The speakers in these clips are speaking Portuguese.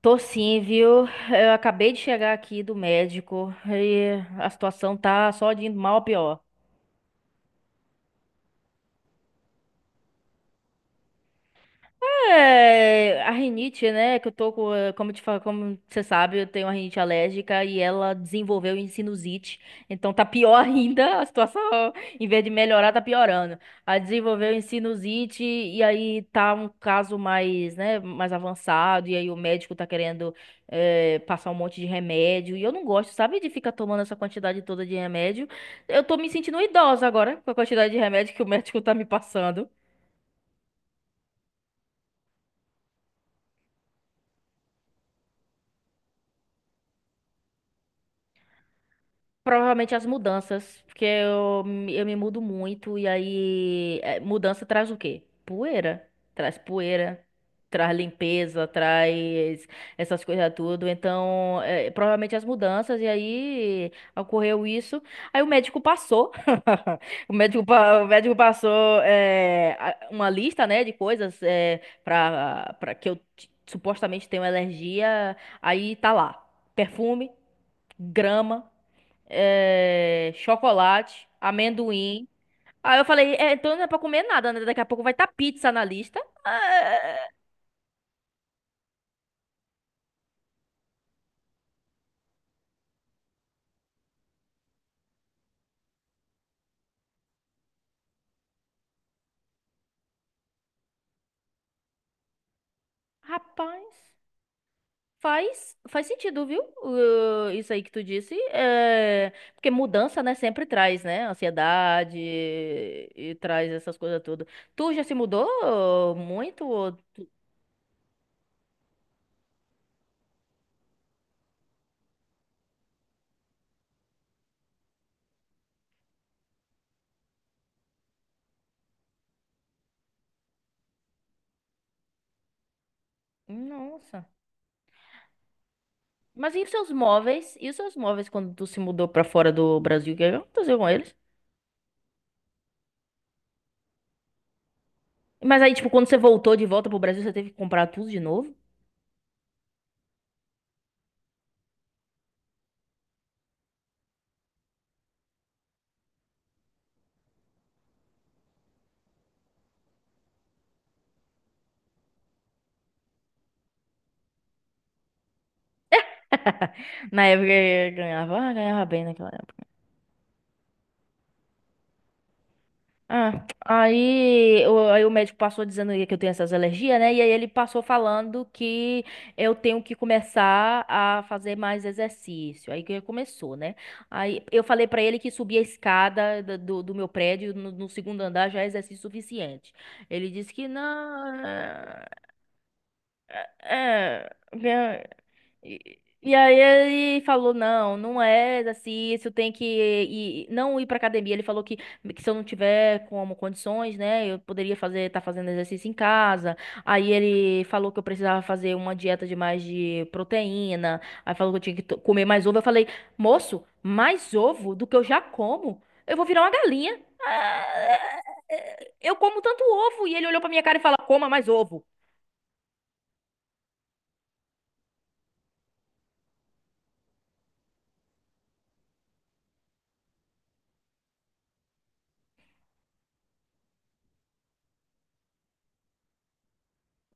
Tô sim, viu? Eu acabei de chegar aqui do médico e a situação tá só de indo mal a pior. É, a rinite, né? Que eu tô com, como você sabe, eu tenho uma rinite alérgica e ela desenvolveu em sinusite. Então tá pior ainda a situação. Em vez de melhorar, tá piorando. Ela desenvolveu em sinusite e aí tá um caso mais, né, mais avançado. E aí o médico tá querendo passar um monte de remédio. E eu não gosto, sabe, de ficar tomando essa quantidade toda de remédio. Eu tô me sentindo idosa agora com a quantidade de remédio que o médico tá me passando. Provavelmente as mudanças, porque eu me mudo muito e aí mudança traz o quê? Poeira. Traz poeira, traz limpeza, traz essas coisas tudo. Então, provavelmente as mudanças e aí ocorreu isso. Aí o médico passou. O médico passou uma lista, né, de coisas para que eu supostamente tenho alergia. Aí tá lá, perfume, grama, chocolate, amendoim. Aí eu falei, "É, então não é pra comer nada, né? Daqui a pouco vai estar pizza na lista." Ah, rapaz, faz sentido, viu? Isso aí que tu disse. É, porque mudança, né, sempre traz, né? Ansiedade e traz essas coisas todas. Tu já se mudou muito? Nossa. Mas e os seus móveis? E os seus móveis quando tu se mudou pra fora do Brasil? O que aconteceu com eles? Mas aí, tipo, quando você voltou de volta pro Brasil, você teve que comprar tudo de novo? Na época eu ganhava bem naquela época. Ah, aí o médico passou dizendo que eu tenho essas alergias, né? E aí ele passou falando que eu tenho que começar a fazer mais exercício. Aí que começou, né? Aí eu falei pra ele que subir a escada do meu prédio no segundo andar já é exercício suficiente. Ele disse que não. é, é, e aí ele falou, não, não é exercício, tem que ir, não ir pra academia. Ele falou que se eu não tiver como condições, né, eu poderia fazer, tá fazendo exercício em casa. Aí ele falou que eu precisava fazer uma dieta de mais de proteína. Aí falou que eu tinha que comer mais ovo. Eu falei, moço, mais ovo do que eu já como? Eu vou virar uma galinha. Eu como tanto ovo. E ele olhou pra minha cara e falou, coma mais ovo.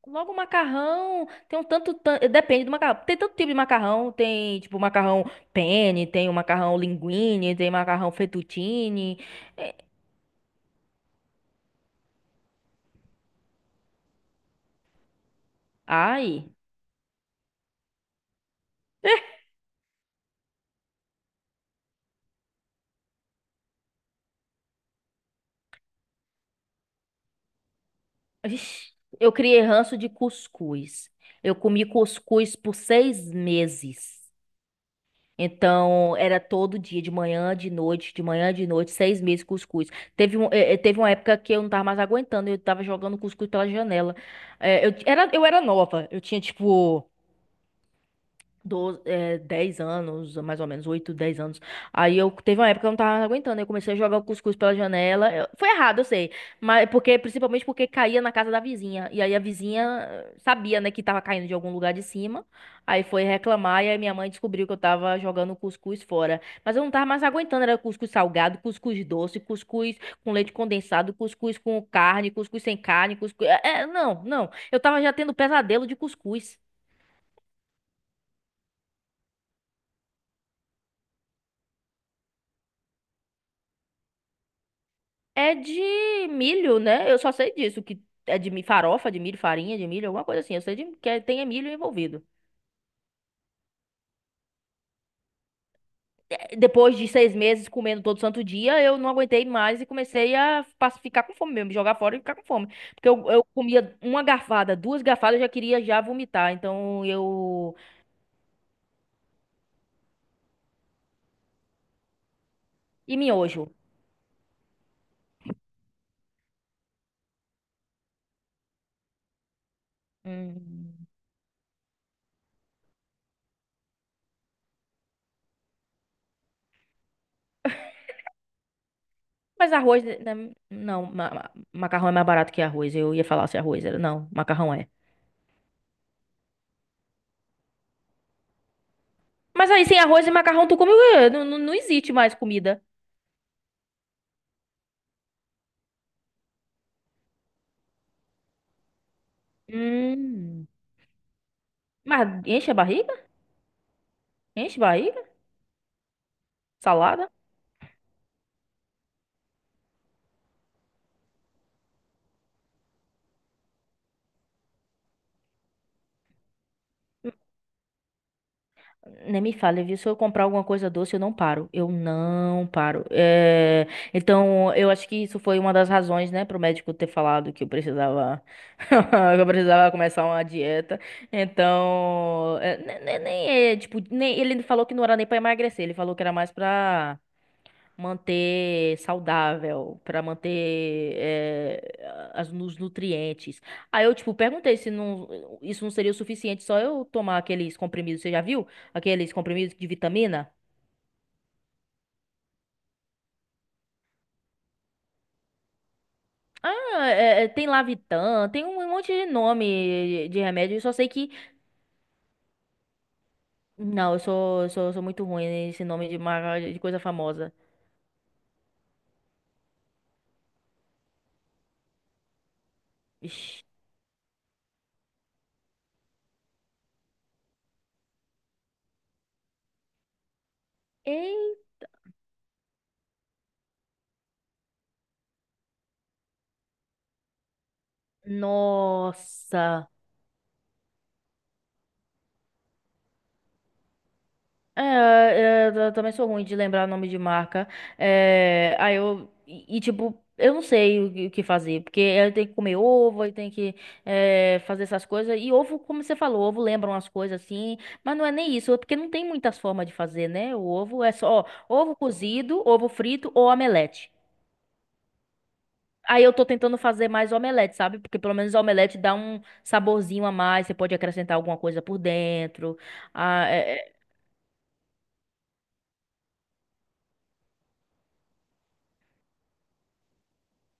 Logo macarrão, tem um tanto, depende do macarrão. Tem tanto tipo de macarrão, tem tipo macarrão penne, tem o macarrão linguine, tem macarrão fettuccine. Ai, vixi, eu criei ranço de cuscuz. Eu comi cuscuz por 6 meses. Então, era todo dia, de manhã, de noite, de manhã, de noite, 6 meses cuscuz. Teve, um, eh, eh, teve uma época que eu não tava mais aguentando, eu tava jogando cuscuz pela janela. Eu era nova, eu tinha tipo 12, é, 10 anos, mais ou menos, 8 10 anos. Aí eu teve uma época que eu não tava aguentando, eu comecei a jogar o cuscuz pela janela. Foi errado, eu sei, mas porque principalmente porque caía na casa da vizinha. E aí a vizinha sabia, né, que tava caindo de algum lugar de cima. Aí foi reclamar e aí minha mãe descobriu que eu tava jogando o cuscuz fora. Mas eu não tava mais aguentando, era cuscuz salgado, cuscuz doce, cuscuz com leite condensado, cuscuz com carne, cuscuz sem carne, cuscuz. Não, não. Eu tava já tendo pesadelo de cuscuz. É de milho, né? Eu só sei disso, que é farofa, de milho, farinha de milho, alguma coisa assim. Eu sei de, que tem é milho envolvido. É. Depois de 6 meses comendo todo santo dia, eu não aguentei mais e comecei a ficar com fome mesmo, jogar fora e ficar com fome. Porque eu comia uma garfada, duas garfadas, eu já queria já vomitar. Então eu... E miojo. Hum. Mas arroz... não, macarrão é mais barato que arroz. Eu ia falar se arroz era... Não, macarrão é. Mas aí sem arroz e macarrão tu come... o quê? Não, não, não existe mais comida. Hum. Mas enche a barriga? Enche a barriga? Salada? Nem me fale, viu? Se eu comprar alguma coisa doce, eu não paro. Eu não paro. Então, eu acho que isso foi uma das razões, né, pro médico ter falado que eu precisava, que eu precisava começar uma dieta. Então, é, ne- ne- nem, é, tipo, nem, ele falou que não era nem pra emagrecer, ele falou que era mais pra manter saudável, pra manter os nutrientes. Aí eu, tipo, perguntei se não, isso não seria o suficiente só eu tomar aqueles comprimidos, você já viu? Aqueles comprimidos de vitamina? Ah, tem Lavitan, tem um monte de nome de remédio, eu só sei que... Não, eu sou muito ruim nesse nome de, de coisa famosa. Ixi. Ei, nossa! É, eu também sou ruim de lembrar nome de marca. Aí eu. E, tipo, eu não sei que o que fazer. Porque eu tenho que comer ovo, eu tenho que fazer essas coisas. E ovo, como você falou, ovo lembra umas coisas assim. Mas não é nem isso, é porque não tem muitas formas de fazer, né? O ovo é só ovo cozido, ovo frito ou omelete. Aí eu tô tentando fazer mais omelete, sabe? Porque pelo menos omelete dá um saborzinho a mais. Você pode acrescentar alguma coisa por dentro. Ah, é,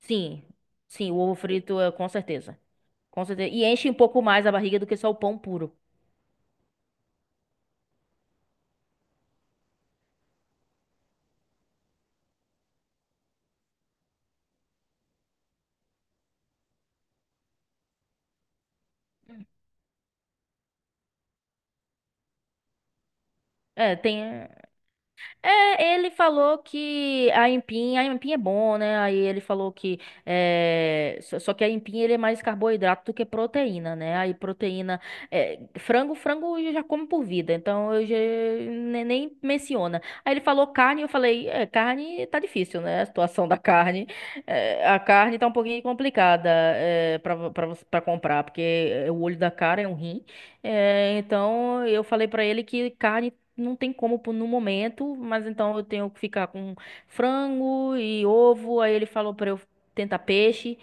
Sim, sim, o ovo frito é com certeza. Com certeza. E enche um pouco mais a barriga do que só o pão puro. É, tem. É, ele falou que a empinha é bom, né? Aí ele falou que só que a empinha ele é mais carboidrato do que proteína, né? Aí proteína, frango eu já como por vida, então eu já nem menciona. Aí ele falou carne, eu falei, carne tá difícil, né? A situação da carne. A carne tá um pouquinho complicada para comprar, porque o olho da cara é um rim. É, então eu falei pra ele que carne não tem como pôr no momento, mas então eu tenho que ficar com frango e ovo. Aí ele falou pra eu tentar peixe.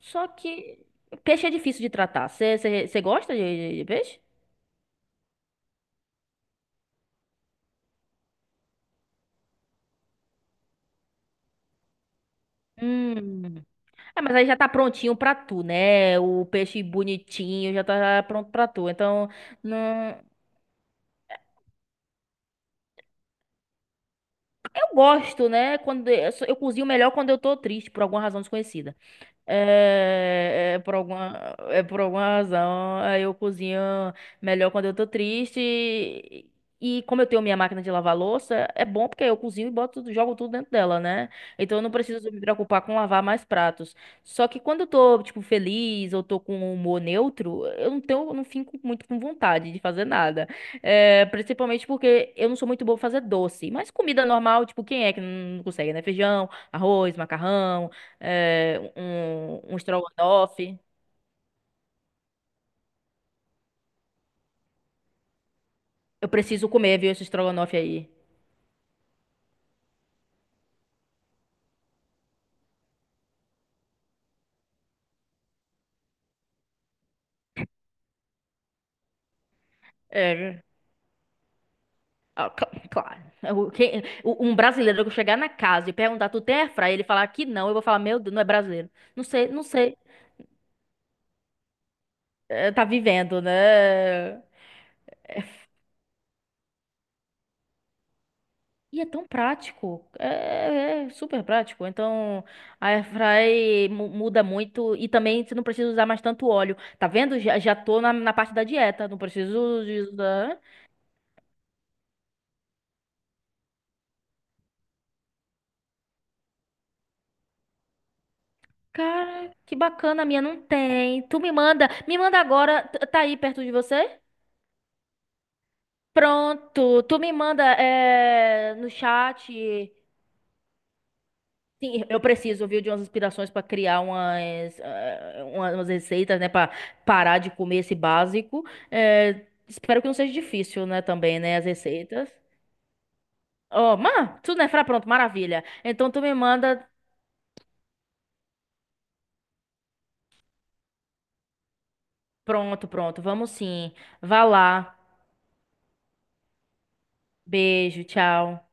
Só que peixe é difícil de tratar. Você gosta de peixe? Hum. Ah, mas aí já tá prontinho pra tu, né? O peixe bonitinho já tá pronto pra tu. Então, não. Eu gosto, né? Quando eu cozinho melhor quando eu tô triste, por alguma razão desconhecida. É por alguma razão, aí eu cozinho melhor quando eu tô triste. E como eu tenho minha máquina de lavar louça, é bom porque eu cozinho e boto, jogo tudo dentro dela, né? Então eu não preciso me preocupar com lavar mais pratos. Só que quando eu tô, tipo, feliz ou tô com um humor neutro, eu não fico muito com vontade de fazer nada. Principalmente porque eu não sou muito boa pra fazer doce. Mas comida normal, tipo, quem é que não consegue, né? Feijão, arroz, macarrão, um estrogonofe. Eu preciso comer, viu, esse estrogonofe aí. É, Ah, claro. Um brasileiro que eu chegar na casa e perguntar, tu tem airfryer? Ele falar que não, eu vou falar, meu Deus, não é brasileiro. Não sei, não sei. É, tá vivendo, né? E é tão prático, é super prático. Então, a airfry muda muito e também você não precisa usar mais tanto óleo. Tá vendo? Já tô na parte da dieta, não preciso de usar. Cara, que bacana, a minha não tem. Tu me manda agora, tá aí perto de você? Pronto, tu me manda, no chat. Sim, eu preciso, viu, de umas inspirações para criar umas receitas, né, para parar de comer esse básico. Espero que não seja difícil, né, também, né, as receitas. Ó, tudo, né, pronto, maravilha. Então tu me manda, pronto, pronto, vamos sim. Vá lá, beijo, tchau.